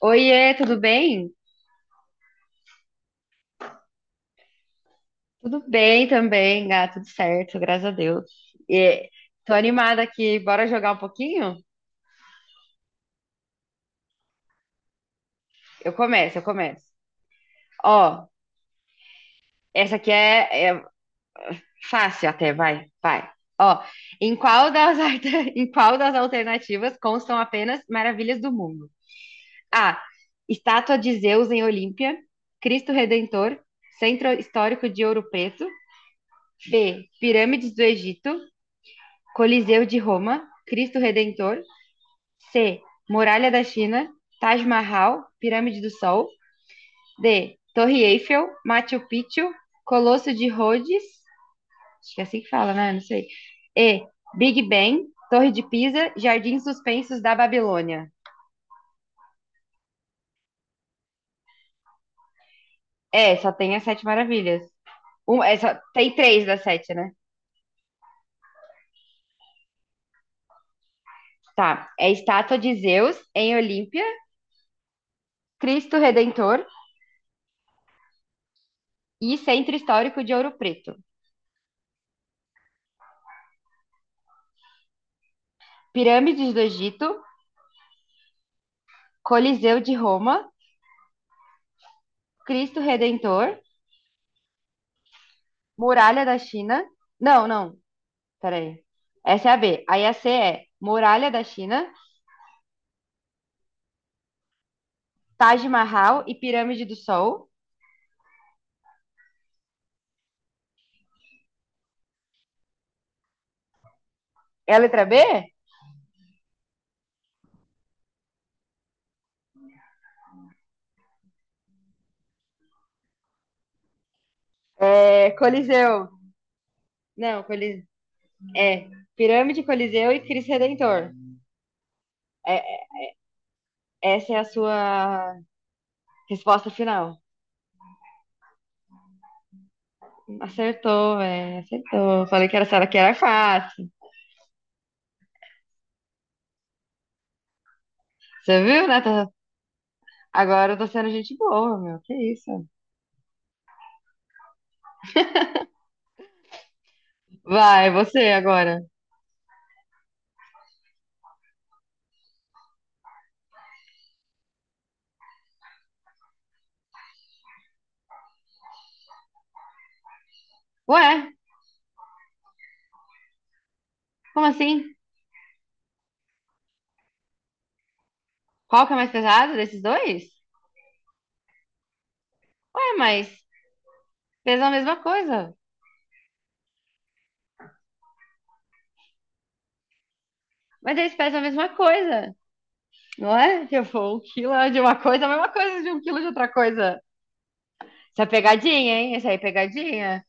Oiê, tudo bem? Tudo bem também, tudo certo, graças a Deus. E, Tô animada aqui, bora jogar um pouquinho? Eu começo. Ó, essa aqui é fácil até, vai. Ó, em qual das alternativas constam apenas maravilhas do mundo? A. Estátua de Zeus em Olímpia, Cristo Redentor, Centro Histórico de Ouro Preto. B. Pirâmides do Egito, Coliseu de Roma, Cristo Redentor. C. Muralha da China, Taj Mahal, Pirâmide do Sol. D. Torre Eiffel, Machu Picchu, Colosso de Rhodes, acho que é assim que fala, né? Não sei. E. Big Ben, Torre de Pisa, Jardins Suspensos da Babilônia. É, só tem as Sete Maravilhas. É só, tem três das sete, né? Tá. É estátua de Zeus em Olímpia, Cristo Redentor e Centro Histórico de Ouro Preto. Pirâmides do Egito, Coliseu de Roma, Cristo Redentor, Muralha da China. Não, não. Peraí. Essa é a B. Aí a C é Muralha da China, Taj Mahal e Pirâmide do Sol. É a letra B? É Coliseu. Não, Coliseu. É Pirâmide, Coliseu e Cristo Redentor. É, essa é a sua resposta final. Acertou, velho. Acertou. Falei que era, só- que era fácil. Você viu, né? Tá- Agora eu tô sendo gente boa, meu. Que isso? Vai, você agora. Ué, como assim? Qual que é mais pesado desses dois? Ué, mas pesa a mesma coisa. Mas eles pesam a mesma coisa, não é? Tipo, um quilo é de uma coisa, é a mesma coisa de um quilo de outra coisa. Isso é pegadinha, hein? Esse aí é pegadinha.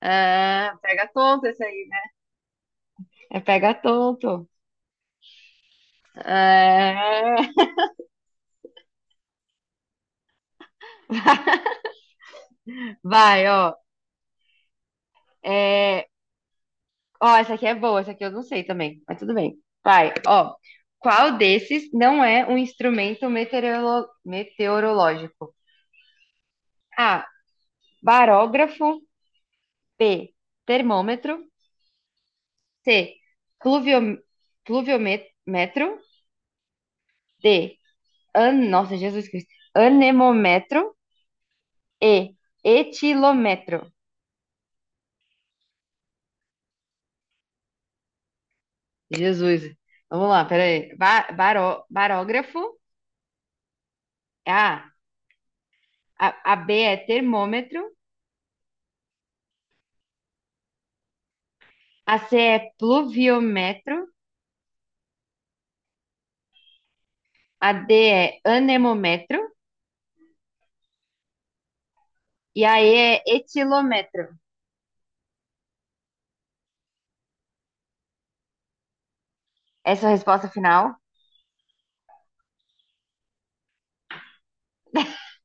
Ah, pega tonto esse aí, né? É pega tonto. Ah, vai, ó. É, ó, essa aqui é boa, essa aqui eu não sei também, mas tudo bem. Vai, ó. Qual desses não é um instrumento meteorolo- meteorológico? A. Barógrafo. B. Termômetro. C. Pluviom... Pluviômetro. D. Nossa, Jesus Cristo. Anemômetro. E. Etilômetro. Jesus. Vamos lá, peraí. Barógrafo. A. A, a B é termômetro. A C é pluviômetro. A D é anemômetro. E a E é etilômetro. Essa é a resposta final.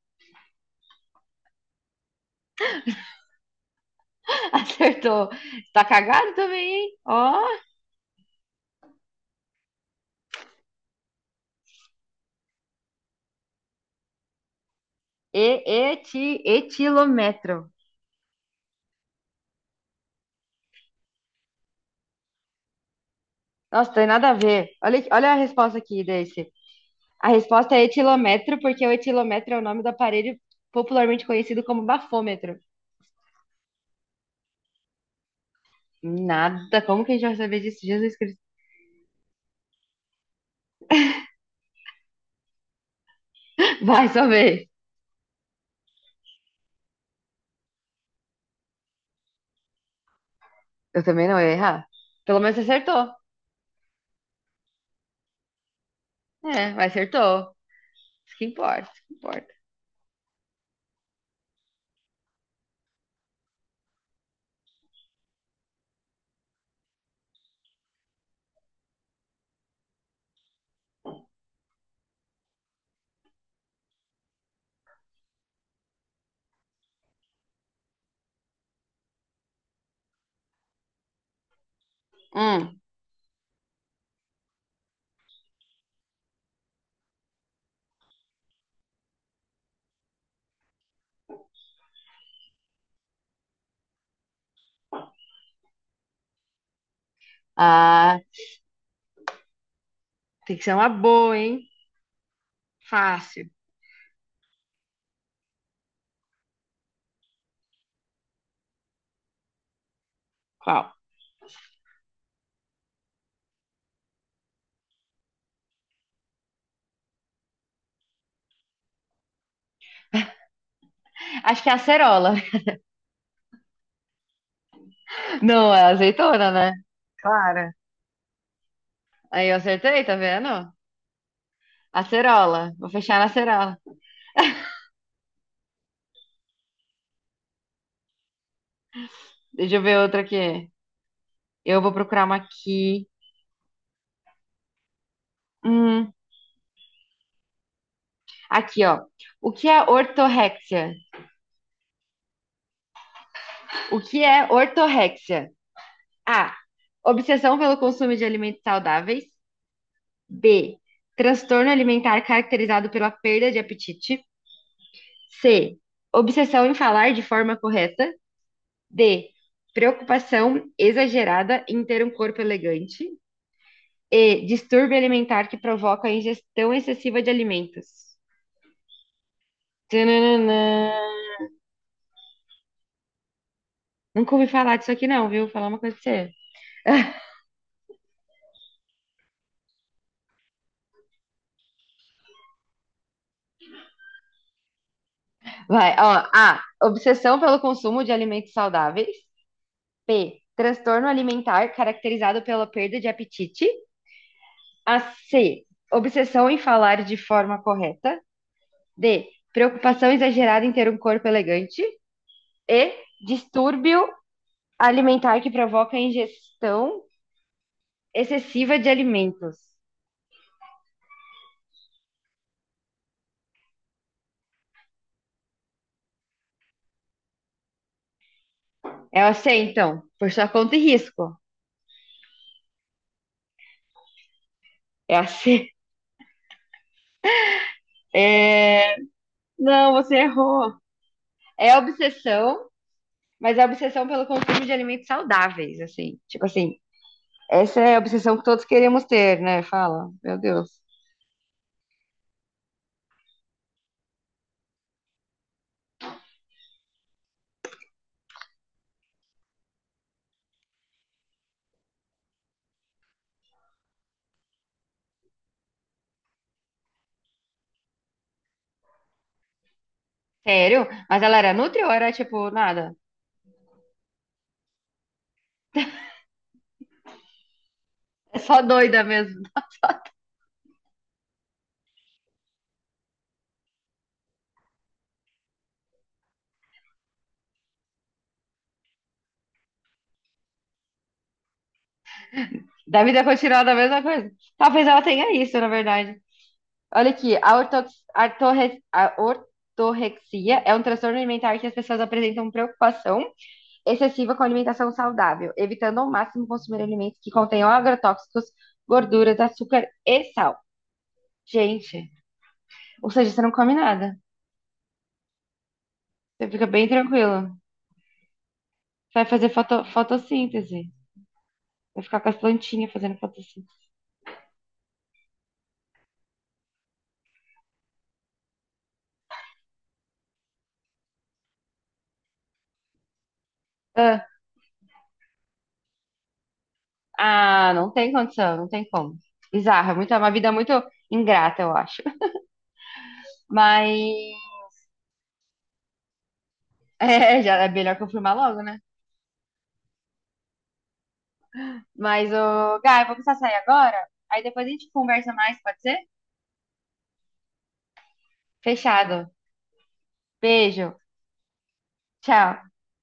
Acertou. Tá cagado também, hein? Ó, etilômetro. Nossa, tem nada a ver. Olha, aqui- olha a resposta aqui desse. A resposta é etilômetro, porque o etilômetro é o nome do aparelho popularmente conhecido como bafômetro. Nada, como que a gente vai saber disso? Jesus Cristo. Vai, saber Eu também não ia errar. Pelo menos você acertou. É, mas acertou. Isso que importa. Hum, ah, tem que ser uma boa, hein? Fácil. Qual? Acho que é acerola. Não, é azeitona, né? Clara. Aí eu acertei, tá vendo? Acerola. Vou fechar na acerola. Deixa eu ver outra aqui. Eu vou procurar uma aqui. Hum, aqui, ó. O que é ortorexia? O que é ortorexia? A. Obsessão pelo consumo de alimentos saudáveis. B. Transtorno alimentar caracterizado pela perda de apetite. C. Obsessão em falar de forma correta. D. Preocupação exagerada em ter um corpo elegante. E. Distúrbio alimentar que provoca a ingestão excessiva de alimentos. Tananã. Nunca ouvi falar disso aqui, não, viu? Vou falar uma coisa pra você. Vai, ó. A. Obsessão pelo consumo de alimentos saudáveis. B. Transtorno alimentar caracterizado pela perda de apetite. A. C. Obsessão em falar de forma correta. D. Preocupação exagerada em ter um corpo elegante. E. Distúrbio alimentar que provoca a ingestão excessiva de alimentos. É a C, então. Por sua conta e risco. É a C. É... Não, você errou. É obsessão, mas é obsessão pelo consumo de alimentos saudáveis, assim. Tipo assim, essa é a obsessão que todos queremos ter, né? Fala. Meu Deus. Sério? Mas ela era nutri ou era, tipo, nada? É só doida mesmo. Da vida continua da mesma coisa. Talvez ela tenha isso, na verdade. Olha aqui, a ortorexia é um transtorno alimentar que as pessoas apresentam preocupação excessiva com a alimentação saudável, evitando ao máximo consumir alimentos que contenham agrotóxicos, gorduras, açúcar e sal. Gente, ou seja, você não come nada. Você fica bem tranquilo. Você vai fazer fotossíntese. Vai ficar com as plantinhas fazendo fotossíntese. Não tem condição, não tem como. Bizarro, é muito, é uma vida muito ingrata, eu acho. Mas. É, já é melhor confirmar logo, né? Mas, ô, Gá, eu vou precisar sair agora. Aí depois a gente conversa mais, pode ser? Fechado. Beijo. Tchau.